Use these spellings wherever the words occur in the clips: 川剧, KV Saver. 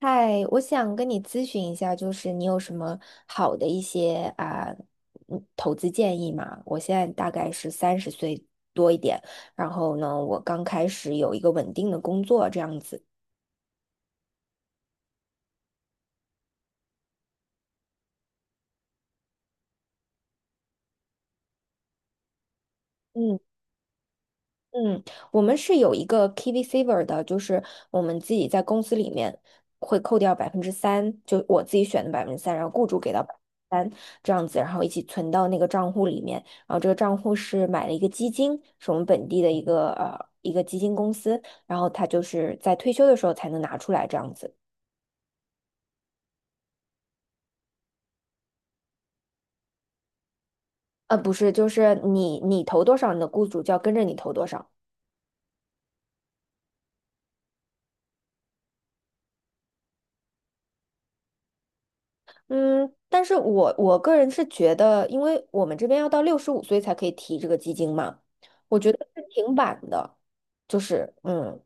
嗨，我想跟你咨询一下，就是你有什么好的一些啊，投资建议吗？我现在大概是30岁多一点，然后呢，我刚开始有一个稳定的工作这样子。嗯。嗯，我们是有一个 KV Saver 的，就是我们自己在公司里面会扣掉百分之三，就我自己选的百分之三，然后雇主给到百分之三这样子，然后一起存到那个账户里面。然后这个账户是买了一个基金，是我们本地的一个基金公司，然后它就是在退休的时候才能拿出来这样子。不是，就是你投多少，你的雇主就要跟着你投多少。嗯，但是我个人是觉得，因为我们这边要到六十五岁才可以提这个基金嘛，我觉得是挺晚的，就是嗯。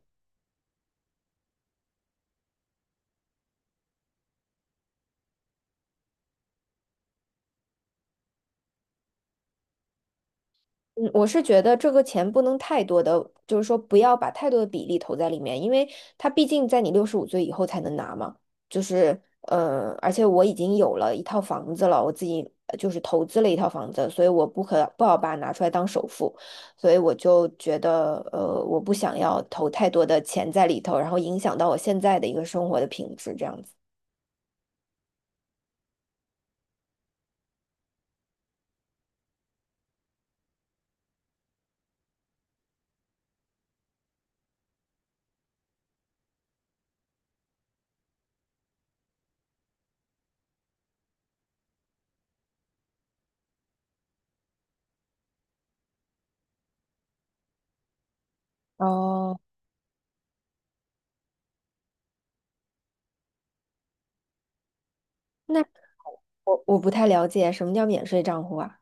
嗯，我是觉得这个钱不能太多的，就是说不要把太多的比例投在里面，因为它毕竟在你六十五岁以后才能拿嘛。就是，而且我已经有了一套房子了，我自己就是投资了一套房子，所以我不好把它拿出来当首付，所以我就觉得，我不想要投太多的钱在里头，然后影响到我现在的一个生活的品质这样子。哦，那我不太了解什么叫免税账户啊？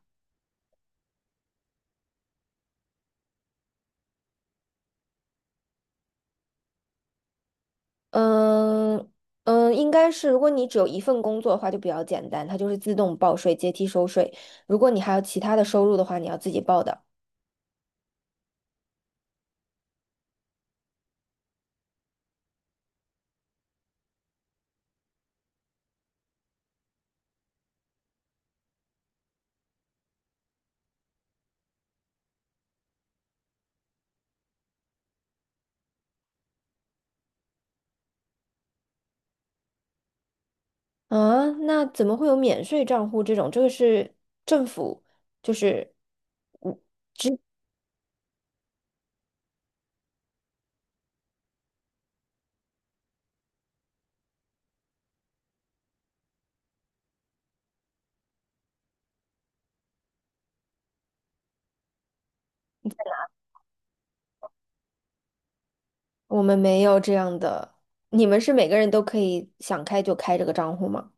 嗯嗯，应该是，如果你只有一份工作的话，就比较简单，它就是自动报税、阶梯收税。如果你还有其他的收入的话，你要自己报的。啊，那怎么会有免税账户这种？这个是政府，就是我们没有这样的。你们是每个人都可以想开就开这个账户吗？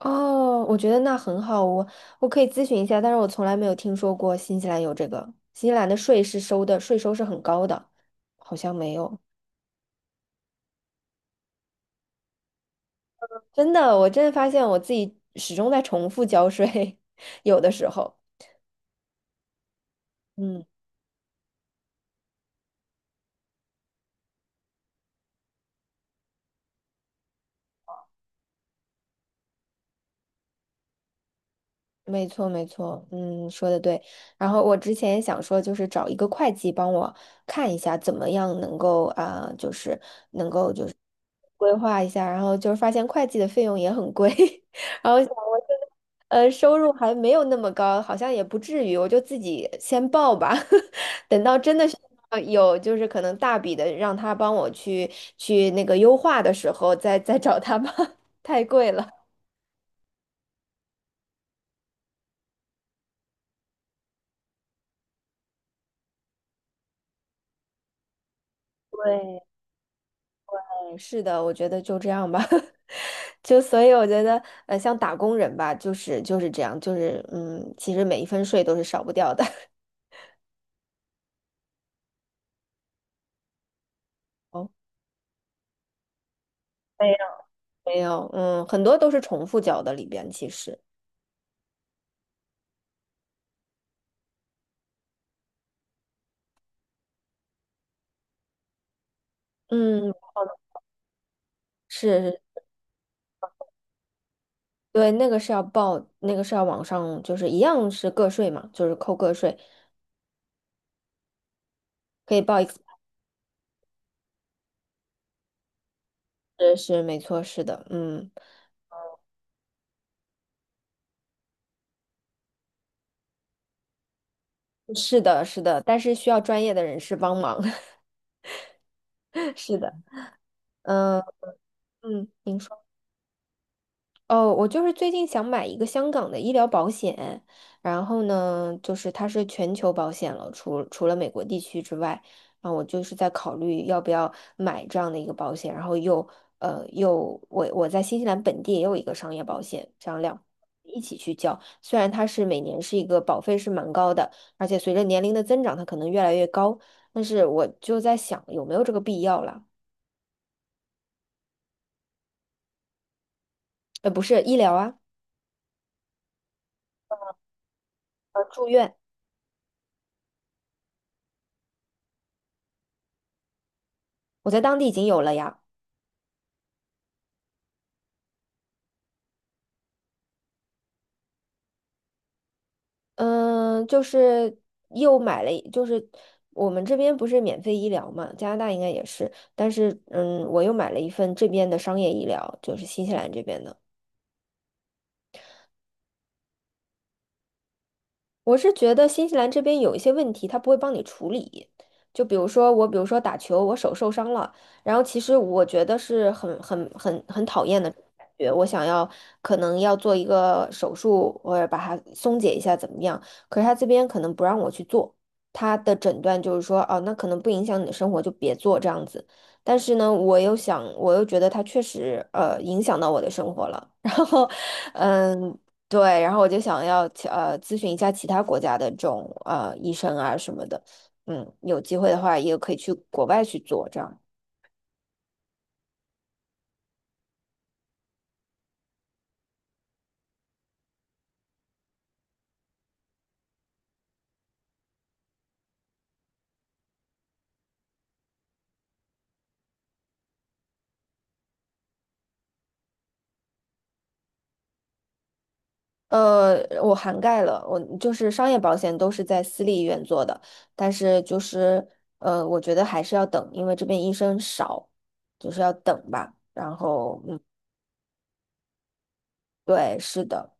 哦，我觉得那很好，我可以咨询一下，但是我从来没有听说过新西兰有这个。新西兰的税是收的，税收是很高的，好像没有。真的，我真的发现我自己始终在重复交税，有的时候，嗯，没错没错，嗯，说的对。然后我之前也想说，就是找一个会计帮我看一下，怎么样能够啊、就是规划一下，然后就是发现会计的费用也很贵，然后想我现在收入还没有那么高，好像也不至于，我就自己先报吧，等到真的是有就是可能大笔的让他帮我去那个优化的时候，再找他吧，太贵了。对，是的，我觉得就这样吧，就所以我觉得，像打工人吧，就是这样，就是，其实每一分税都是少不掉的。哦，没有，嗯，很多都是重复缴的里边，其实，嗯，是，是对，那个是要报，那个是要往上，就是一样是个税嘛，就是扣个税，可以报一，x 是没错，是的，嗯，是的，是的，但是需要专业的人士帮忙，是的，嗯嗯，您说。哦，我就是最近想买一个香港的医疗保险，然后呢，就是它是全球保险了，除了美国地区之外，啊，我就是在考虑要不要买这样的一个保险，然后又我在新西兰本地也有一个商业保险，这样两一起去交，虽然它是每年是一个保费是蛮高的，而且随着年龄的增长，它可能越来越高，但是我就在想有没有这个必要了，不是医疗啊，住院，我在当地已经有了呀。嗯，就是又买了一就是我们这边不是免费医疗嘛，加拿大应该也是，但是我又买了一份这边的商业医疗，就是新西兰这边的。我是觉得新西兰这边有一些问题，他不会帮你处理。就比如说打球，我手受伤了，然后其实我觉得是很讨厌的感觉，我想要可能要做一个手术，或者把它松解一下怎么样？可是他这边可能不让我去做，他的诊断就是说，哦，那可能不影响你的生活，就别做这样子。但是呢，我又想，我又觉得他确实影响到我的生活了，然后。嗯，对，然后我就想要咨询一下其他国家的这种医生啊什么的，嗯，有机会的话也可以去国外去做这样。我涵盖了，我就是商业保险都是在私立医院做的，但是就是我觉得还是要等，因为这边医生少，就是要等吧。然后嗯，对，是的。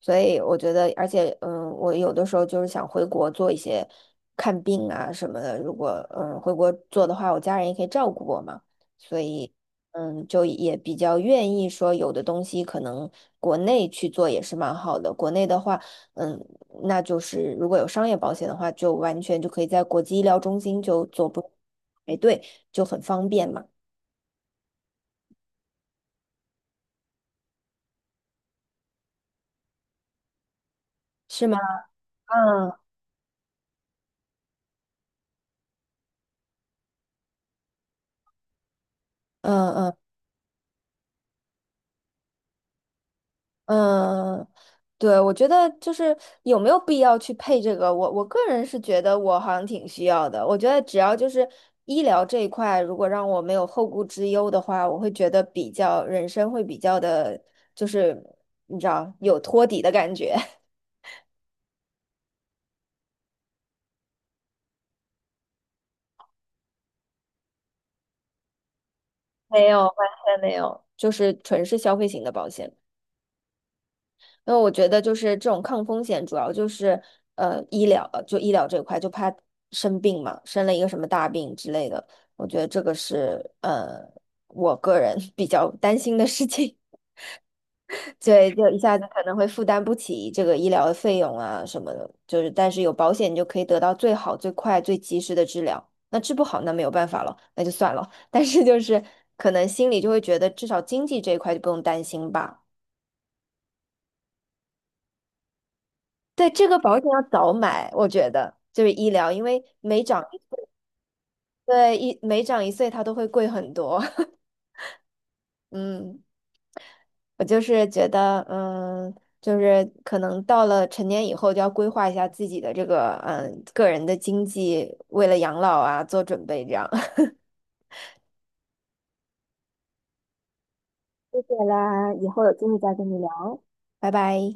所以我觉得，而且，我有的时候就是想回国做一些看病啊什么的。如果回国做的话，我家人也可以照顾我嘛，所以就也比较愿意说，有的东西可能国内去做也是蛮好的。国内的话，嗯，那就是如果有商业保险的话，就完全就可以在国际医疗中心就做不排对，就很方便嘛，是吗？嗯嗯嗯嗯。对，我觉得就是有没有必要去配这个，我个人是觉得我好像挺需要的。我觉得只要就是医疗这一块，如果让我没有后顾之忧的话，我会觉得比较人生会比较的，就是你知道有托底的感觉，没有，完全没有。就是纯是消费型的保险。因为我觉得就是这种抗风险，主要就是医疗，就医疗这块，就怕生病嘛，生了一个什么大病之类的，我觉得这个是我个人 比较担心的事情，对，就一下子可能会负担不起这个医疗的费用啊什么的，就是但是有保险，你就可以得到最好、最快、最及时的治疗。那治不好，那没有办法了，那就算了。但是就是可能心里就会觉得，至少经济这一块就不用担心吧。对，这个保险要早买，我觉得就是医疗，因为每长一岁，它都会贵很多。嗯，我就是觉得，就是可能到了成年以后，就要规划一下自己的这个，个人的经济，为了养老啊做准备，这样。谢谢啦，以后有机会再跟你聊，拜拜。